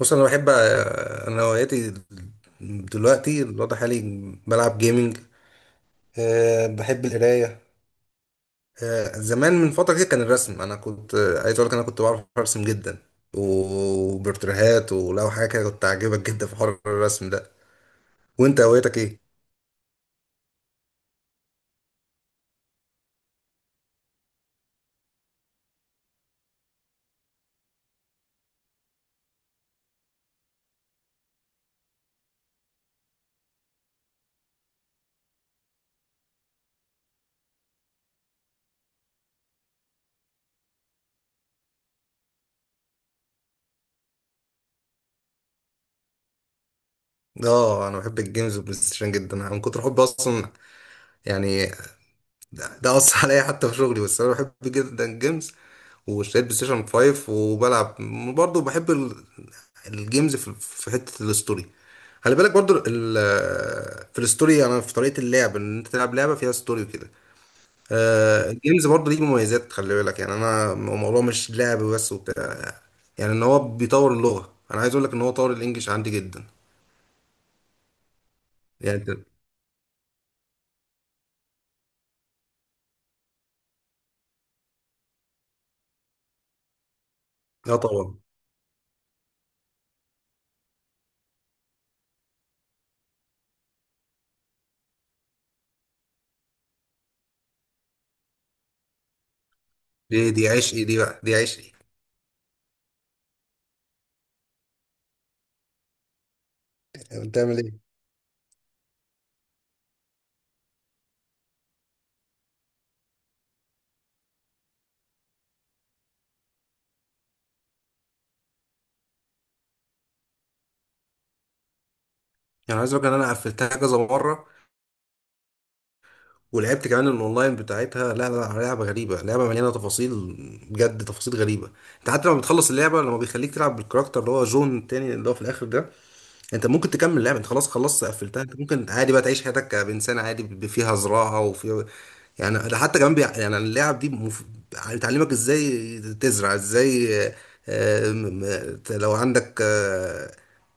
بص، انا بحب، انا هواياتي دلوقتي الوضع حالي. بلعب جيمنج. بحب القرايه. زمان من فتره كده كان الرسم. انا كنت عايز اقول لك انا كنت بعرف ارسم جدا، وبورتريهات ولو حاجه كده كنت عاجبك جدا في حوار الرسم ده. وانت هوايتك ايه؟ اه، انا بحب الجيمز والبلاي ستيشن جدا. انا من كتر حبي اصلا يعني ده أثر عليا حتى في شغلي. بس أنا بحب جدا الجيمز واشتريت بلاي ستيشن 5 وبلعب. برضه بحب الجيمز في حتة الستوري. خلي بالك برضه في الستوري أنا في طريقة اللعب إن أنت تلعب لعبة فيها ستوري وكده. الجيمز برضه ليه مميزات. خلي بالك يعني أنا الموضوع مش لعب بس وبتاع. يعني إن هو بيطور اللغة، أنا عايز أقول لك إن هو طور الإنجليش عندي جدا. يعني أنت لا طبعا. دي عشقي، دي بقى دي عشقي. بتعمل ايه؟ يعني عايز اقول لك ان انا قفلتها كذا مره ولعبت كمان الاونلاين بتاعتها. لا لا لا، لعبه غريبه، لعبه مليانه تفاصيل، بجد تفاصيل غريبه. انت حتى لما بتخلص اللعبه لما بيخليك تلعب بالكاركتر اللي هو جون التاني اللي هو في الاخر ده، انت ممكن تكمل اللعبه. انت خلاص خلصت قفلتها، انت ممكن عادي بقى تعيش حياتك بانسان عادي فيها زراعه وفيها. يعني ده حتى كمان يعني اللعب دي بتعلمك ازاي تزرع ازاي. لو عندك آه،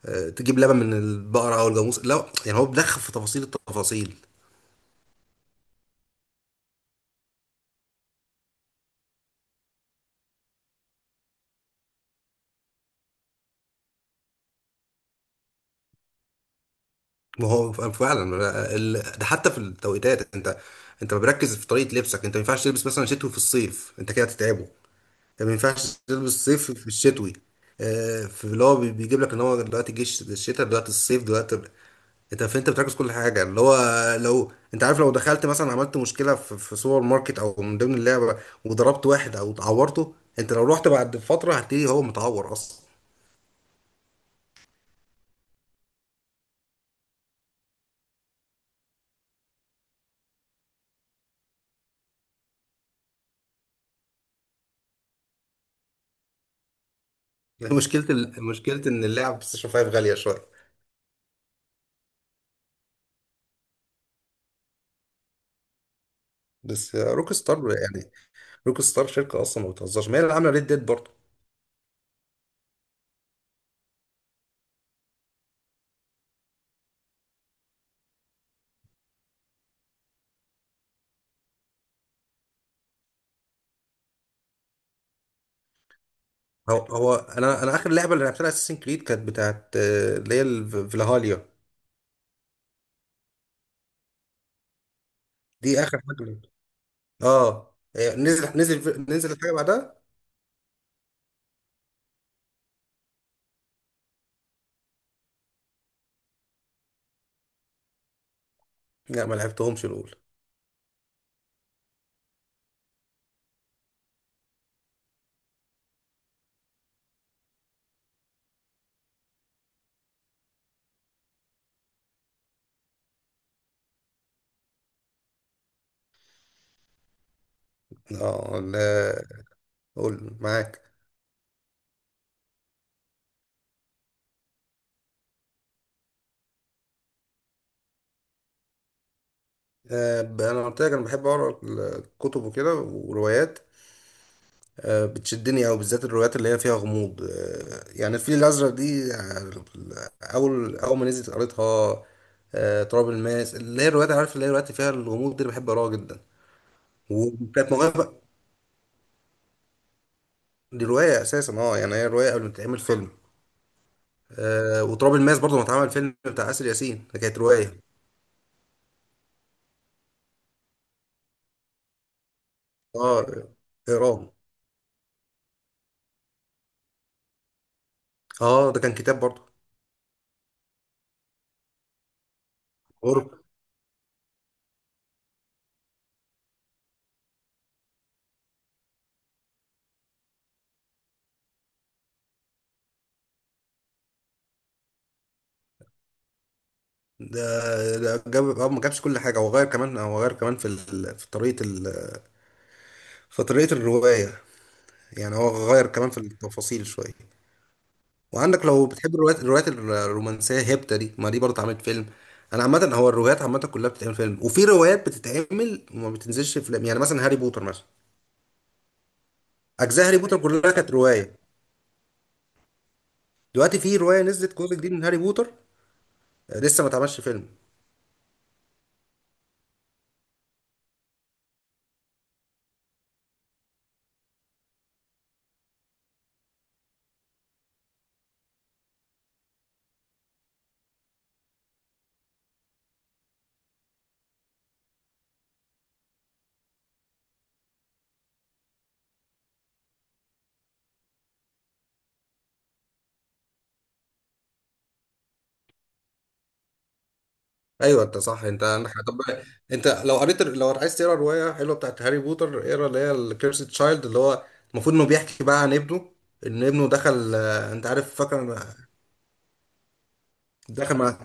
آه، تجيب لبن من البقرة أو الجاموس. لا يعني هو بيدخل في تفاصيل التفاصيل. ما هو فعلا، ده حتى في التوقيتات. انت بركز في طريقه لبسك. انت ما ينفعش تلبس مثلا شتوي في الصيف، انت كده هتتعبه. انت ما ينفعش تلبس صيف في الشتوي. في اللي هو بيجيب لك ان هو دلوقتي جيش الشتاء دلوقتي الصيف دلوقتي. انت فانت بتركز كل حاجه اللي هو لو انت عارف لو دخلت مثلا عملت مشكله في سوبر ماركت او من ضمن اللعبه، وضربت واحد او اتعورته، انت لو رحت بعد فتره هتلاقيه هو متعور اصلا. مشكله مشكله ان اللعب بلاي ستيشن 5 غاليه شويه. بس روك ستار يعني، روك ستار شركه اصلا ما بتهزرش، ما هي اللي عامله ريد ديد برضه. هو انا اخر لعبه اللي لعبتها اساسن كريد كانت بتاعت اللي هي فلاهاليا. دي اخر حاجه لعبتها. اه، نزل نزل نزل الحاجه بعدها. لا ما لعبتهمش الاولى. اه، لا، قول معاك. انا قلت لك انا بحب اقرا الكتب وكده وروايات. بتشدني أوي بالذات الروايات اللي هي فيها غموض. يعني الفيل الأزرق دي، أول أول ما نزلت قريتها. تراب الماس، اللي هي الروايات، عارف، اللي هي الروايات اللي فيها الغموض دي اللي بحب أقراها جدا. وكانت مغامرة. دي رواية أساسا. أه يعني هي رواية قبل ما تتعمل فيلم. وتراب الماس برضه ما اتعمل فيلم بتاع آسر ياسين، ده كانت رواية. أه، إيران. أه، ده كان كتاب برضه. غرب. ده جاب، اه، ما جابش كل حاجه. هو غير كمان في طريقه في طريقه الروايه. يعني هو غير كمان في التفاصيل شوية. وعندك لو بتحب الروايات، الروايات الرومانسية هيبتا دي ما دي برضه اتعملت فيلم. أنا عامة هو الروايات عامة كلها بتتعمل فيلم، وفي روايات بتتعمل وما بتنزلش فيلم، يعني مثلا هاري بوتر مثلا. أجزاء هاري بوتر كلها كانت رواية. دلوقتي في رواية نزلت جزء جديد من هاري بوتر، لسه ما اتعملش فيلم. ايوه انت صح، انت عندك حق. طب انت لو قريت، لو عايز تقرا روايه حلوه بتاعت هاري بوتر، اقرا اللي هي الكيرسي تشايلد، اللي هو المفروض انه بيحكي بقى عن ابنه، ان ابنه دخل انت عارف، فاكر، دخل مع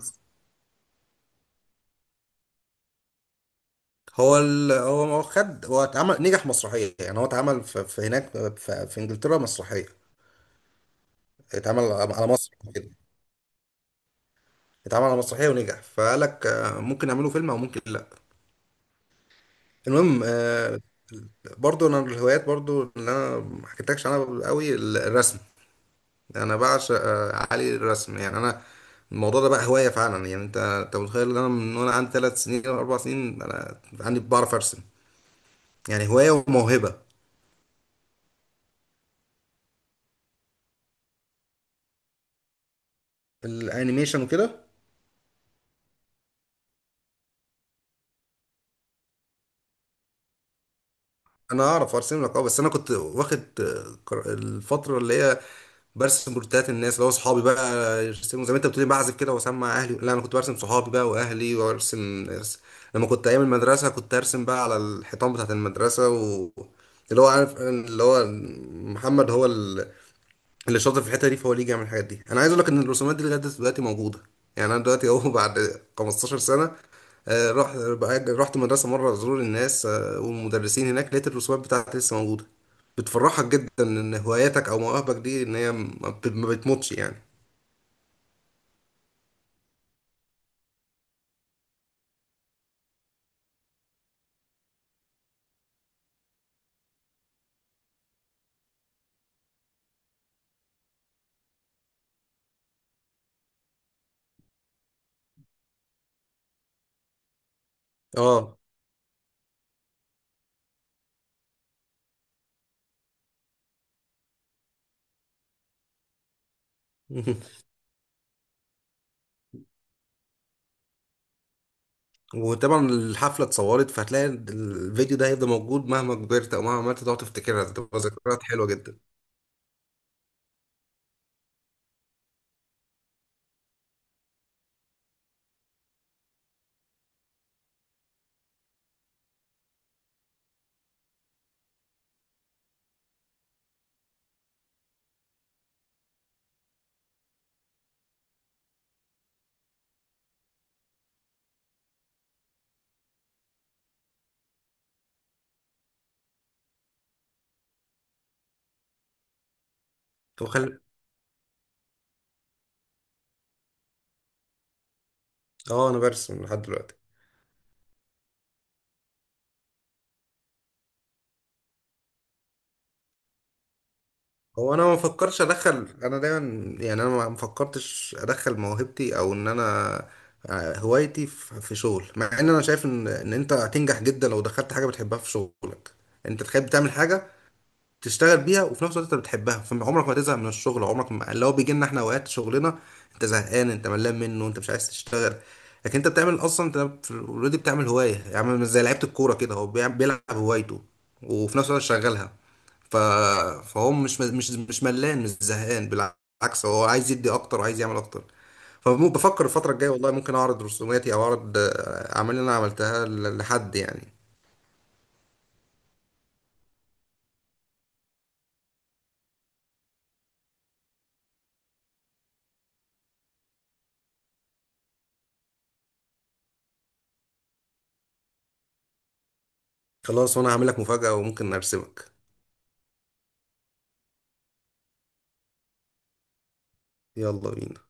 هو خد. هو اتعمل، نجح مسرحية. يعني هو اتعمل في هناك، في انجلترا مسرحية. اتعمل على مصر كده، اتعمل على مسرحية ونجح، فقال لك ممكن نعمله فيلم او ممكن لا. المهم برضو انا من الهوايات برضو اللي انا ما حكيتلكش عنها قوي الرسم. انا بعشق علي الرسم. يعني انا الموضوع ده بقى هواية فعلا. يعني انت متخيل ان انا من وانا عندي 3 سنين او 4 سنين انا عندي بعرف ارسم. يعني هواية وموهبة. الانيميشن وكده. انا اعرف ارسم لك اه، بس انا كنت واخد قر- الفتره اللي هي برسم بورتريهات الناس، اللي هو صحابي بقى يرسموا زي ما انت بتقولي بعزف كده واسمع اهلي، لا انا كنت برسم صحابي بقى واهلي وارسم ناس. لما كنت ايام المدرسه كنت ارسم بقى على الحيطان بتاعت المدرسه اللي هو عارف اللي هو محمد، هو اللي شاطر في الحته دي، فهو اللي يجي يعمل الحاجات دي. انا عايز اقول لك ان الرسومات دي لغايه دلوقتي موجوده. يعني انا دلوقتي اهو بعد 15 سنه، رحت بقى- رحت مدرسه مره ازور الناس والمدرسين هناك، لقيت الرسومات بتاعتي لسه موجوده. بتفرحك جدا ان هواياتك او مواهبك دي ان هي ما بتموتش يعني. اه. وطبعا الحفله اتصورت، فهتلاقي الفيديو ده هيفضل موجود مهما كبرت او مهما عملت، تقعد تفتكرها تبقى ذكريات حلوه جدا. وخل... اه انا برسم لحد دلوقتي. هو انا ما فكرش ادخل، انا دايما يعني انا ما فكرتش ادخل موهبتي او ان انا هوايتي في شغل، مع ان انا شايف ان انت هتنجح جدا لو دخلت حاجه بتحبها في شغلك. انت تخيل بتعمل حاجه تشتغل بيها وفي نفس الوقت انت بتحبها، فعمرك ما تزهق من الشغل. عمرك ما اللي هو بيجي لنا احنا اوقات شغلنا انت زهقان، انت ملان منه، انت مش عايز تشتغل. لكن انت بتعمل اصلا، انت في اوريدي بتعمل هوايه. يعني مش زي لعيبه الكوره كده، هو بيلعب هوايته وفي نفس الوقت شغالها. ف... فهو مش ملان مش زهقان، بالعكس هو عايز يدي اكتر وعايز يعمل اكتر. فبفكر الفتره الجايه والله ممكن اعرض رسوماتي او اعرض اعمال اللي انا عملتها لحد يعني. خلاص، وانا هعمل لك مفاجاه وممكن ارسمك. يلا بينا.